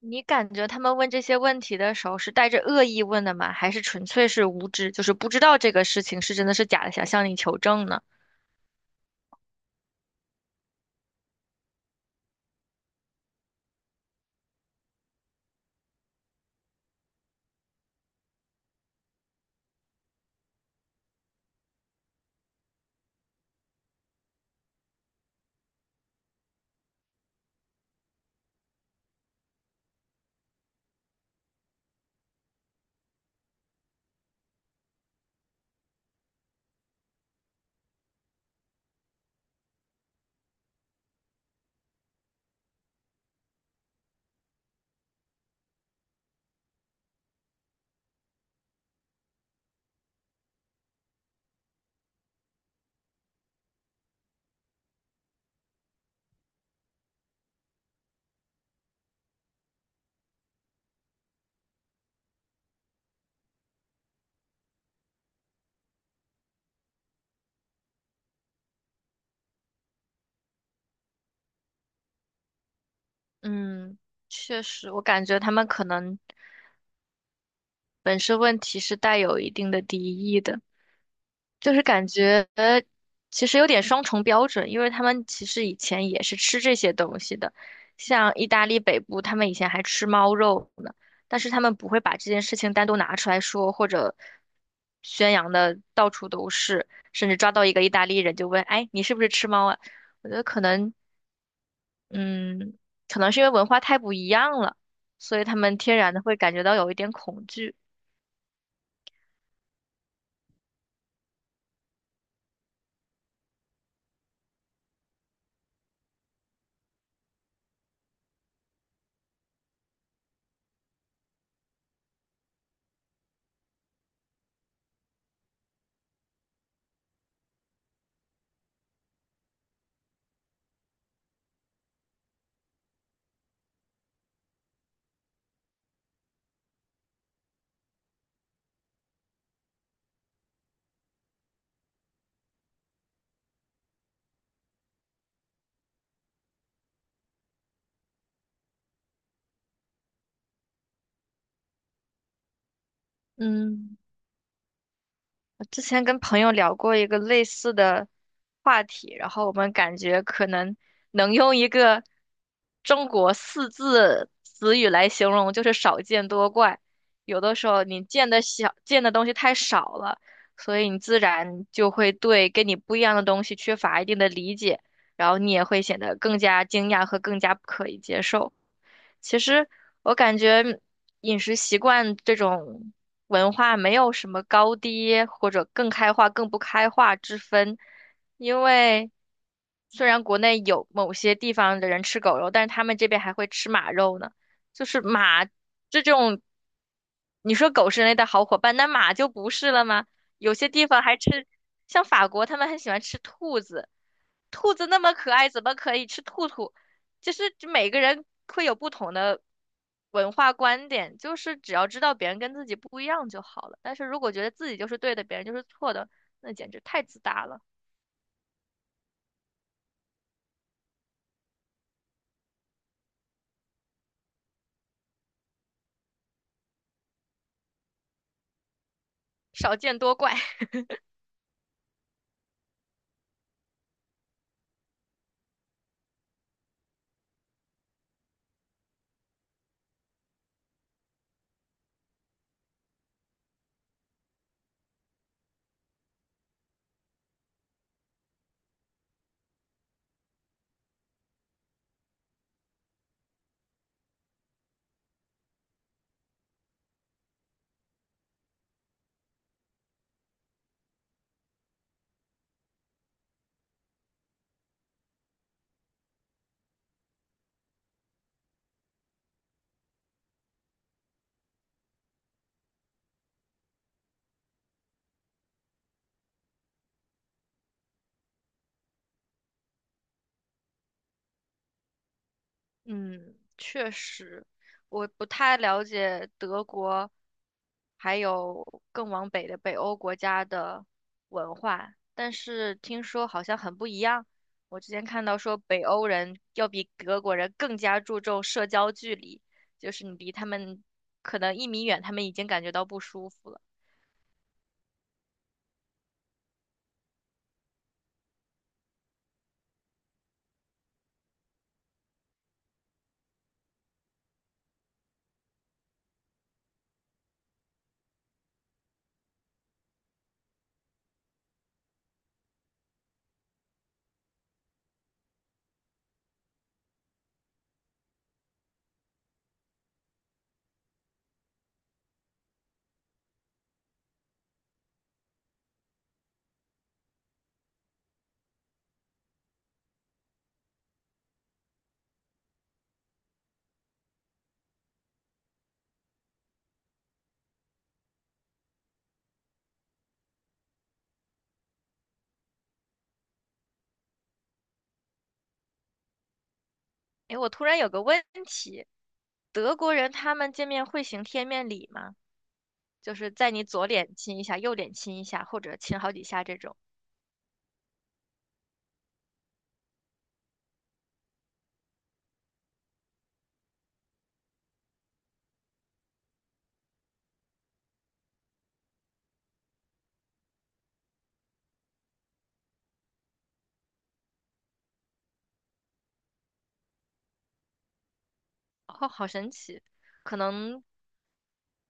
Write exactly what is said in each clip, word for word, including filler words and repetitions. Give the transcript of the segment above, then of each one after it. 你感觉他们问这些问题的时候是带着恶意问的吗？还是纯粹是无知，就是不知道这个事情是真的是假的，想向你求证呢？嗯，确实，我感觉他们可能本身问题是带有一定的敌意的。就是感觉其实有点双重标准，因为他们其实以前也是吃这些东西的，像意大利北部，他们以前还吃猫肉呢，但是他们不会把这件事情单独拿出来说，或者宣扬的到处都是，甚至抓到一个意大利人就问，哎，你是不是吃猫啊？我觉得可能，嗯，可能是因为文化太不一样了，所以他们天然的会感觉到有一点恐惧。嗯。我之前跟朋友聊过一个类似的话题，然后我们感觉可能能用一个中国四字词语来形容，就是少见多怪。有的时候你见的小，见的东西太少了，所以你自然就会对跟你不一样的东西缺乏一定的理解，然后你也会显得更加惊讶和更加不可以接受。其实我感觉饮食习惯这种文化没有什么高低或者更开化、更不开化之分，因为虽然国内有某些地方的人吃狗肉，但是他们这边还会吃马肉呢。就是马这种，你说狗是人类的好伙伴，那马就不是了吗？有些地方还吃，像法国他们很喜欢吃兔子，兔子那么可爱，怎么可以吃兔兔？就是每个人会有不同的文化观点，就是只要知道别人跟自己不一样就好了。但是如果觉得自己就是对的，别人就是错的，那简直太自大了，少见多怪。嗯，确实，我不太了解德国，还有更往北的北欧国家的文化，但是听说好像很不一样。我之前看到说北欧人要比德国人更加注重社交距离，就是你离他们可能一米远，他们已经感觉到不舒服了。诶，我突然有个问题，德国人他们见面会行贴面礼吗？就是在你左脸亲一下，右脸亲一下，或者亲好几下这种。哦，好神奇，可能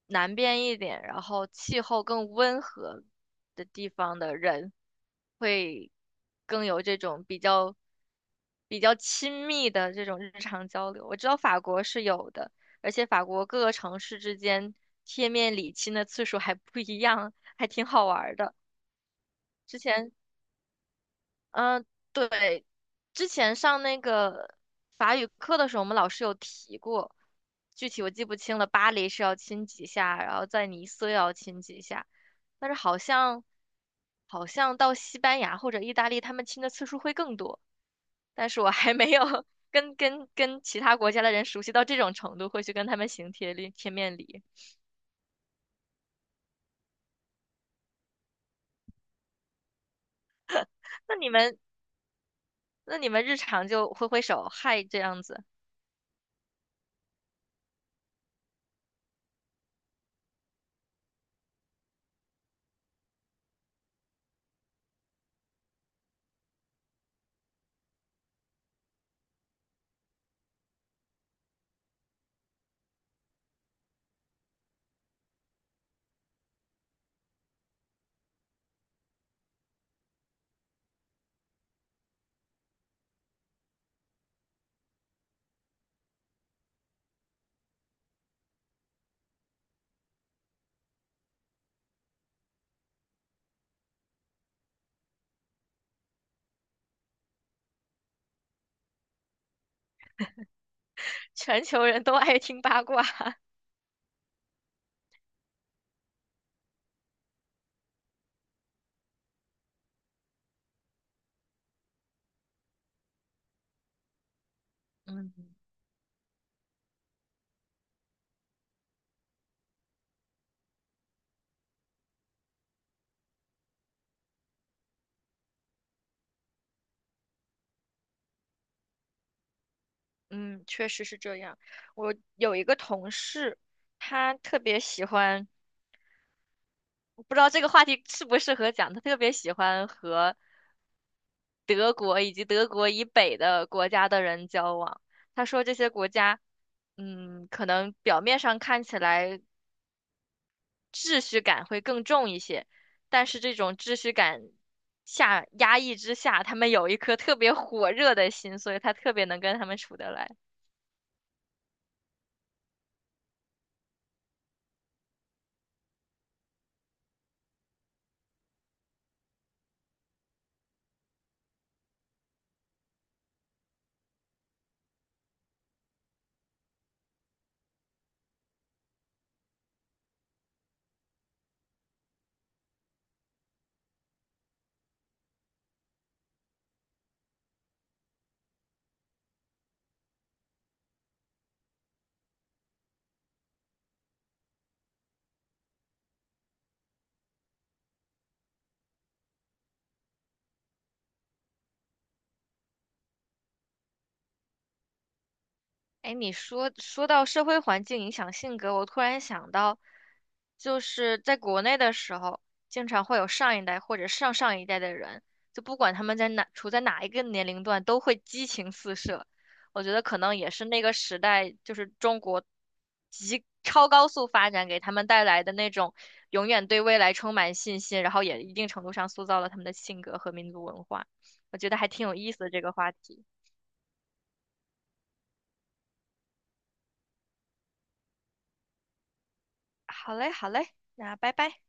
南边一点，然后气候更温和的地方的人，会更有这种比较比较亲密的这种日常交流。我知道法国是有的，而且法国各个城市之间贴面礼亲的次数还不一样，还挺好玩儿的。之前嗯，对，之前上那个法语课的时候，我们老师有提过，具体我记不清了。巴黎是要亲几下，然后在尼斯要亲几下，但是好像好像到西班牙或者意大利，他们亲的次数会更多。但是我还没有 跟跟跟其他国家的人熟悉到这种程度，会去跟他们行贴力贴面礼。那你们那你们日常就挥挥手嗨这样子，全球人都爱听八卦。嗯。嗯，确实是这样。我有一个同事，他特别喜欢，我不知道这个话题适不适合讲，他特别喜欢和德国以及德国以北的国家的人交往。他说这些国家，嗯，可能表面上看起来秩序感会更重一些，但是这种秩序感下压抑之下，他们有一颗特别火热的心，所以他特别能跟他们处得来。哎，你说说到社会环境影响性格，我突然想到，就是在国内的时候，经常会有上一代或者上上一代的人，就不管他们在哪，处在哪一个年龄段，都会激情四射。我觉得可能也是那个时代，就是中国极超高速发展给他们带来的那种永远对未来充满信心，然后也一定程度上塑造了他们的性格和民族文化。我觉得还挺有意思的这个话题。好嘞，好嘞，那拜拜。